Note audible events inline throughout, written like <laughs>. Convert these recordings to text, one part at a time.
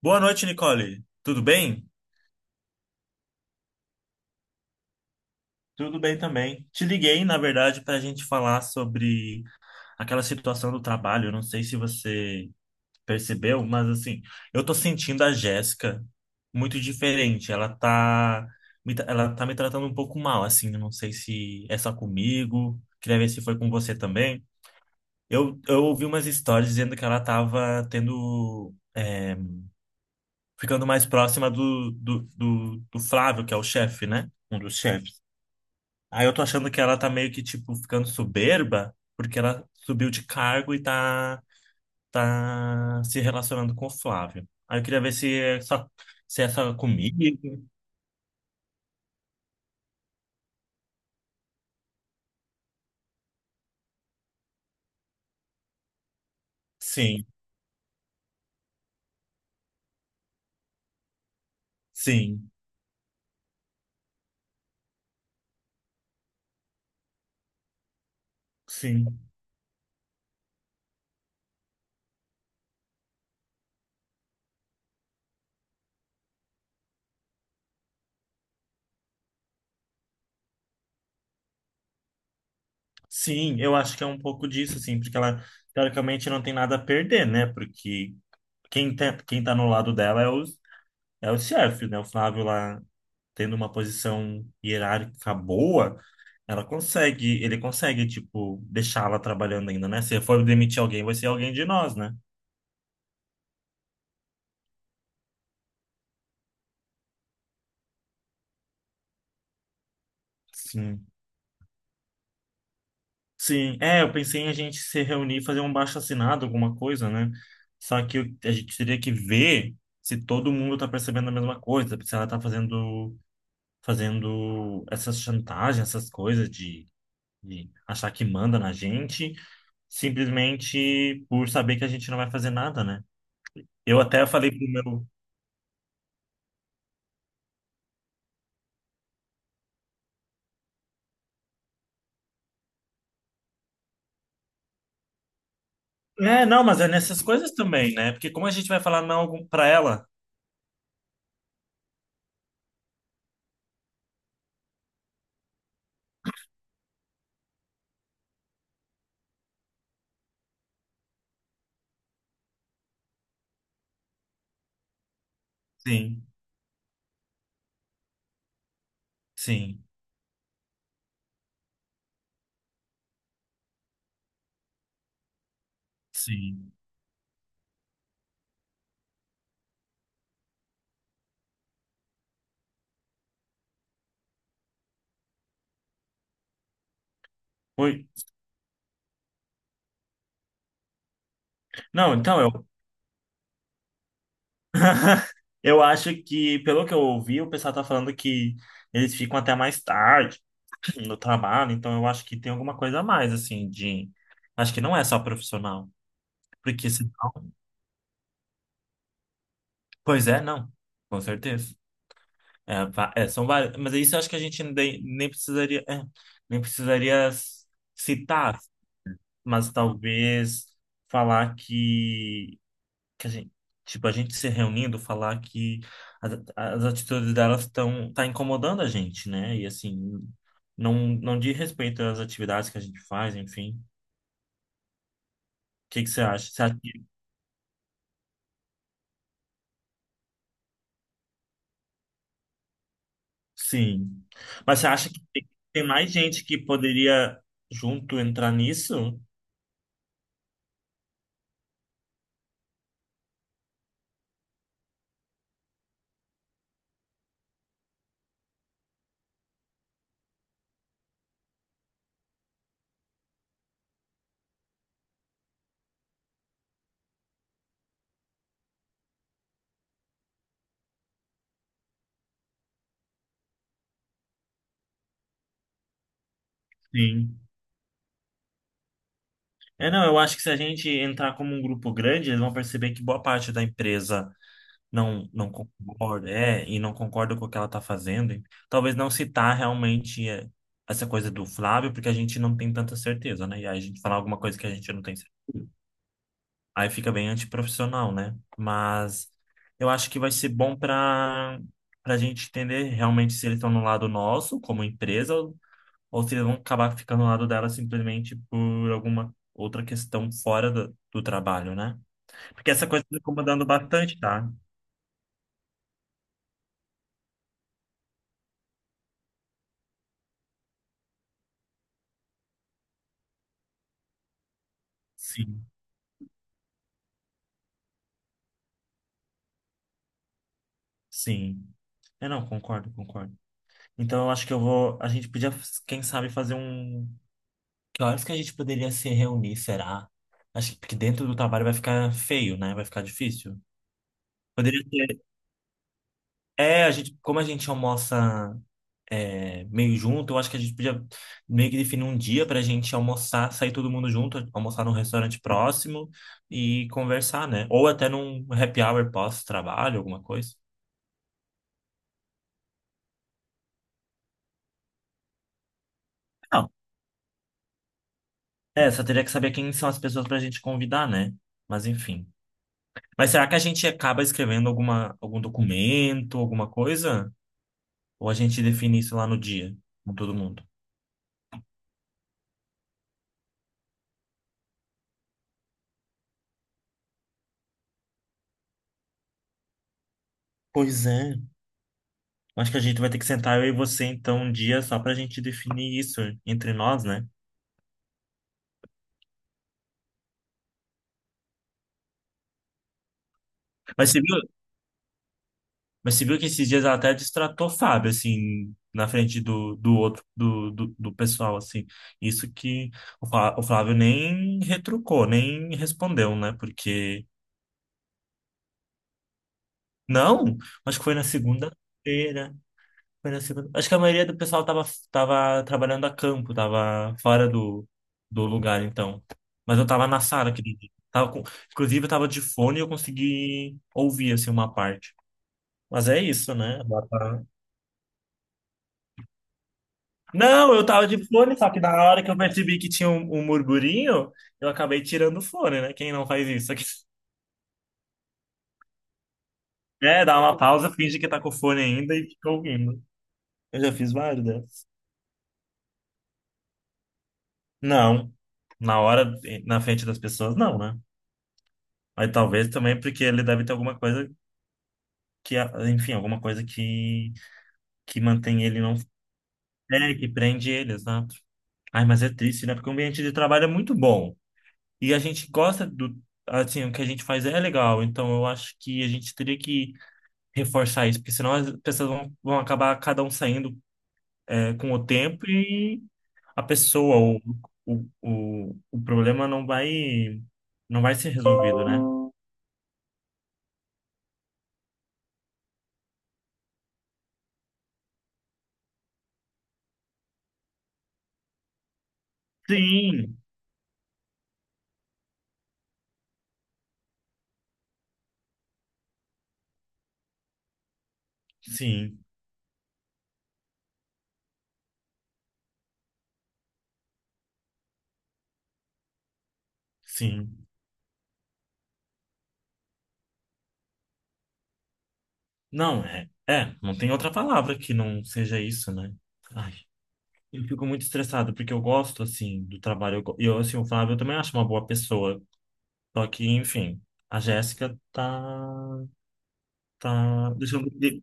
Boa noite, Nicole. Tudo bem? Tudo bem também. Te liguei, na verdade, para a gente falar sobre aquela situação do trabalho. Eu não sei se você percebeu, mas assim, eu tô sentindo a Jéssica muito diferente. Ela tá, ela tá me tratando um pouco mal, assim. Eu não sei se é só comigo. Queria ver se foi com você também. Eu ouvi umas histórias dizendo que ela tava tendo, é, ficando mais próxima do Flávio, que é o chefe, né? Um dos chefes. Aí eu tô achando que ela tá meio que, tipo, ficando soberba, porque ela subiu de cargo e tá, tá se relacionando com o Flávio. Aí eu queria ver se é só comigo. Sim, sim, sim. Sim, eu acho que é um pouco disso, assim, porque ela, teoricamente, não tem nada a perder, né? Porque quem tá no lado dela é os chefes, né? O Flávio lá tendo uma posição hierárquica boa, ele consegue, tipo, deixá-la trabalhando ainda, né? Se for demitir alguém, vai ser alguém de nós, né? Sim. Sim, é, eu pensei em a gente se reunir, fazer um abaixo-assinado, alguma coisa, né? Só que a gente teria que ver se todo mundo tá percebendo a mesma coisa, se ela tá fazendo, fazendo essas chantagens, essas coisas de achar que manda na gente, simplesmente por saber que a gente não vai fazer nada, né? Eu até falei pro meu, é, não, mas é nessas coisas também, né? Porque como a gente vai falar não pra ela? Sim, sim, sim. Oi. Não, então eu. <laughs> Eu acho que, pelo que eu ouvi, o pessoal tá falando que eles ficam até mais tarde <clears throat> no trabalho, então eu acho que tem alguma coisa a mais, assim, de. Acho que não é só profissional. Porque senão. Pois é, não. Com certeza. É, é, são várias. Mas isso eu acho que a gente nem, nem precisaria. É, nem precisaria citar, mas talvez falar que, que a gente, tipo, a gente se reunindo, falar que as atitudes delas estão tá incomodando a gente, né? E assim, não diz respeito às atividades que a gente faz, enfim. O que que você acha? Você acha que, sim. Mas você acha que tem mais gente que poderia junto entrar nisso? Sim. É, não, eu acho que se a gente entrar como um grupo grande, eles vão perceber que boa parte da empresa não concorda, é, e não concorda com o que ela tá fazendo. E talvez não citar realmente é, essa coisa do Flávio, porque a gente não tem tanta certeza, né? E aí a gente falar alguma coisa que a gente não tem certeza. Aí fica bem antiprofissional, né? Mas eu acho que vai ser bom para a gente entender realmente se eles estão no lado nosso, como empresa, ou se eles vão acabar ficando no lado dela simplesmente por alguma outra questão fora do trabalho, né? Porque essa coisa tá me incomodando bastante, tá? Sim, sim. É, não, concordo, concordo. Então eu acho que eu vou. A gente podia, quem sabe, fazer um. Que horas que a gente poderia se reunir, será? Acho que porque dentro do trabalho vai ficar feio, né? Vai ficar difícil. Poderia ter. É, a gente, como a gente almoça é, meio junto, eu acho que a gente podia meio que definir um dia pra gente almoçar, sair todo mundo junto, almoçar num restaurante próximo e conversar, né? Ou até num happy hour pós-trabalho, alguma coisa. Não, é, só teria que saber quem são as pessoas pra gente convidar, né? Mas enfim. Mas será que a gente acaba escrevendo algum documento, alguma coisa? Ou a gente define isso lá no dia, com todo mundo? Pois é. Acho que a gente vai ter que sentar eu e você, então, um dia só pra gente definir isso entre nós, né? Mas você viu, mas você viu que esses dias ela até destratou o Fábio, assim, na frente do, do outro, do, do, do pessoal, assim. Isso que o o Flávio nem retrucou, nem respondeu, né? Porque... Não, acho que foi na segunda-feira. Acho que a maioria do pessoal tava, tava trabalhando a campo, tava fora do lugar, então. Mas eu tava na sala, aquele dia. Tava com... Inclusive, eu tava de fone e eu consegui ouvir, assim, uma parte. Mas é isso, né? Agora tá- Não, eu tava de fone, só que na hora que eu percebi que tinha um murmurinho, eu acabei tirando o fone, né? Quem não faz isso aqui? <laughs> É, dá uma pausa, finge que tá com o fone ainda e fica ouvindo. Eu já fiz vários dessas. Não. Na hora, na frente das pessoas, não, né? Mas talvez também porque ele deve ter alguma coisa que, enfim, alguma coisa que mantém ele não. É, que prende ele, exato. Ai, mas é triste, né? Porque o ambiente de trabalho é muito bom. E a gente gosta do. Assim, o que a gente faz é legal. Então eu acho que a gente teria que reforçar isso, porque senão as pessoas vão acabar cada um saindo, é, com o tempo e a pessoa, o, o problema não vai ser resolvido, né? Sim, sim, sim. Não, é, é, não tem outra palavra que não seja isso, né? Ai, eu fico muito estressado porque eu gosto, assim, do trabalho. Eu, e eu, assim, o Flávio eu também acho uma boa pessoa. Só que, enfim, a Jéssica tá, tá deixando de...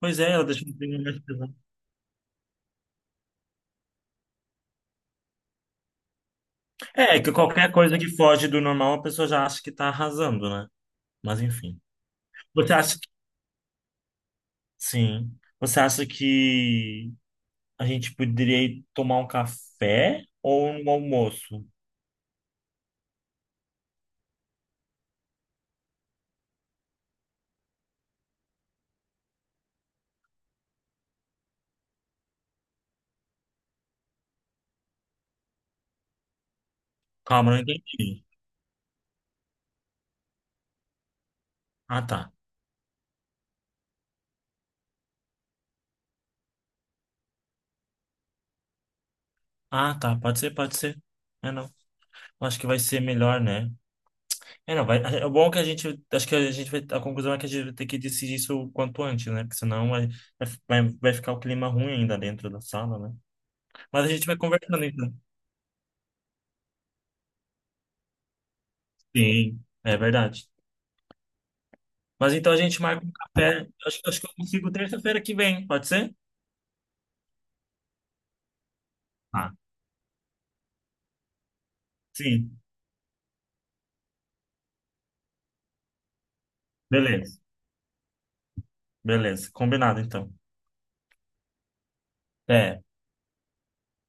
Pois é, ela deixa o clima mais pesado. É, que qualquer coisa que foge do normal, a pessoa já acha que tá arrasando, né? Mas, enfim. Você acha que... Sim. Você acha que a gente poderia ir tomar um café ou um almoço? Calma, não entendi. Ah, tá. Ah, tá. Pode ser, pode ser. É, não. Eu acho que vai ser melhor, né? É, não. Vai... É bom que a gente. Acho que a gente vai. A conclusão é que a gente vai ter que decidir isso o quanto antes, né? Porque senão vai ficar o clima ruim ainda dentro da sala, né? Mas a gente vai conversando, então. Sim, é verdade. Mas então a gente marca um café. Acho que eu consigo terça-feira que vem, pode ser? Ah, sim. Beleza. Beleza. Combinado, então. É.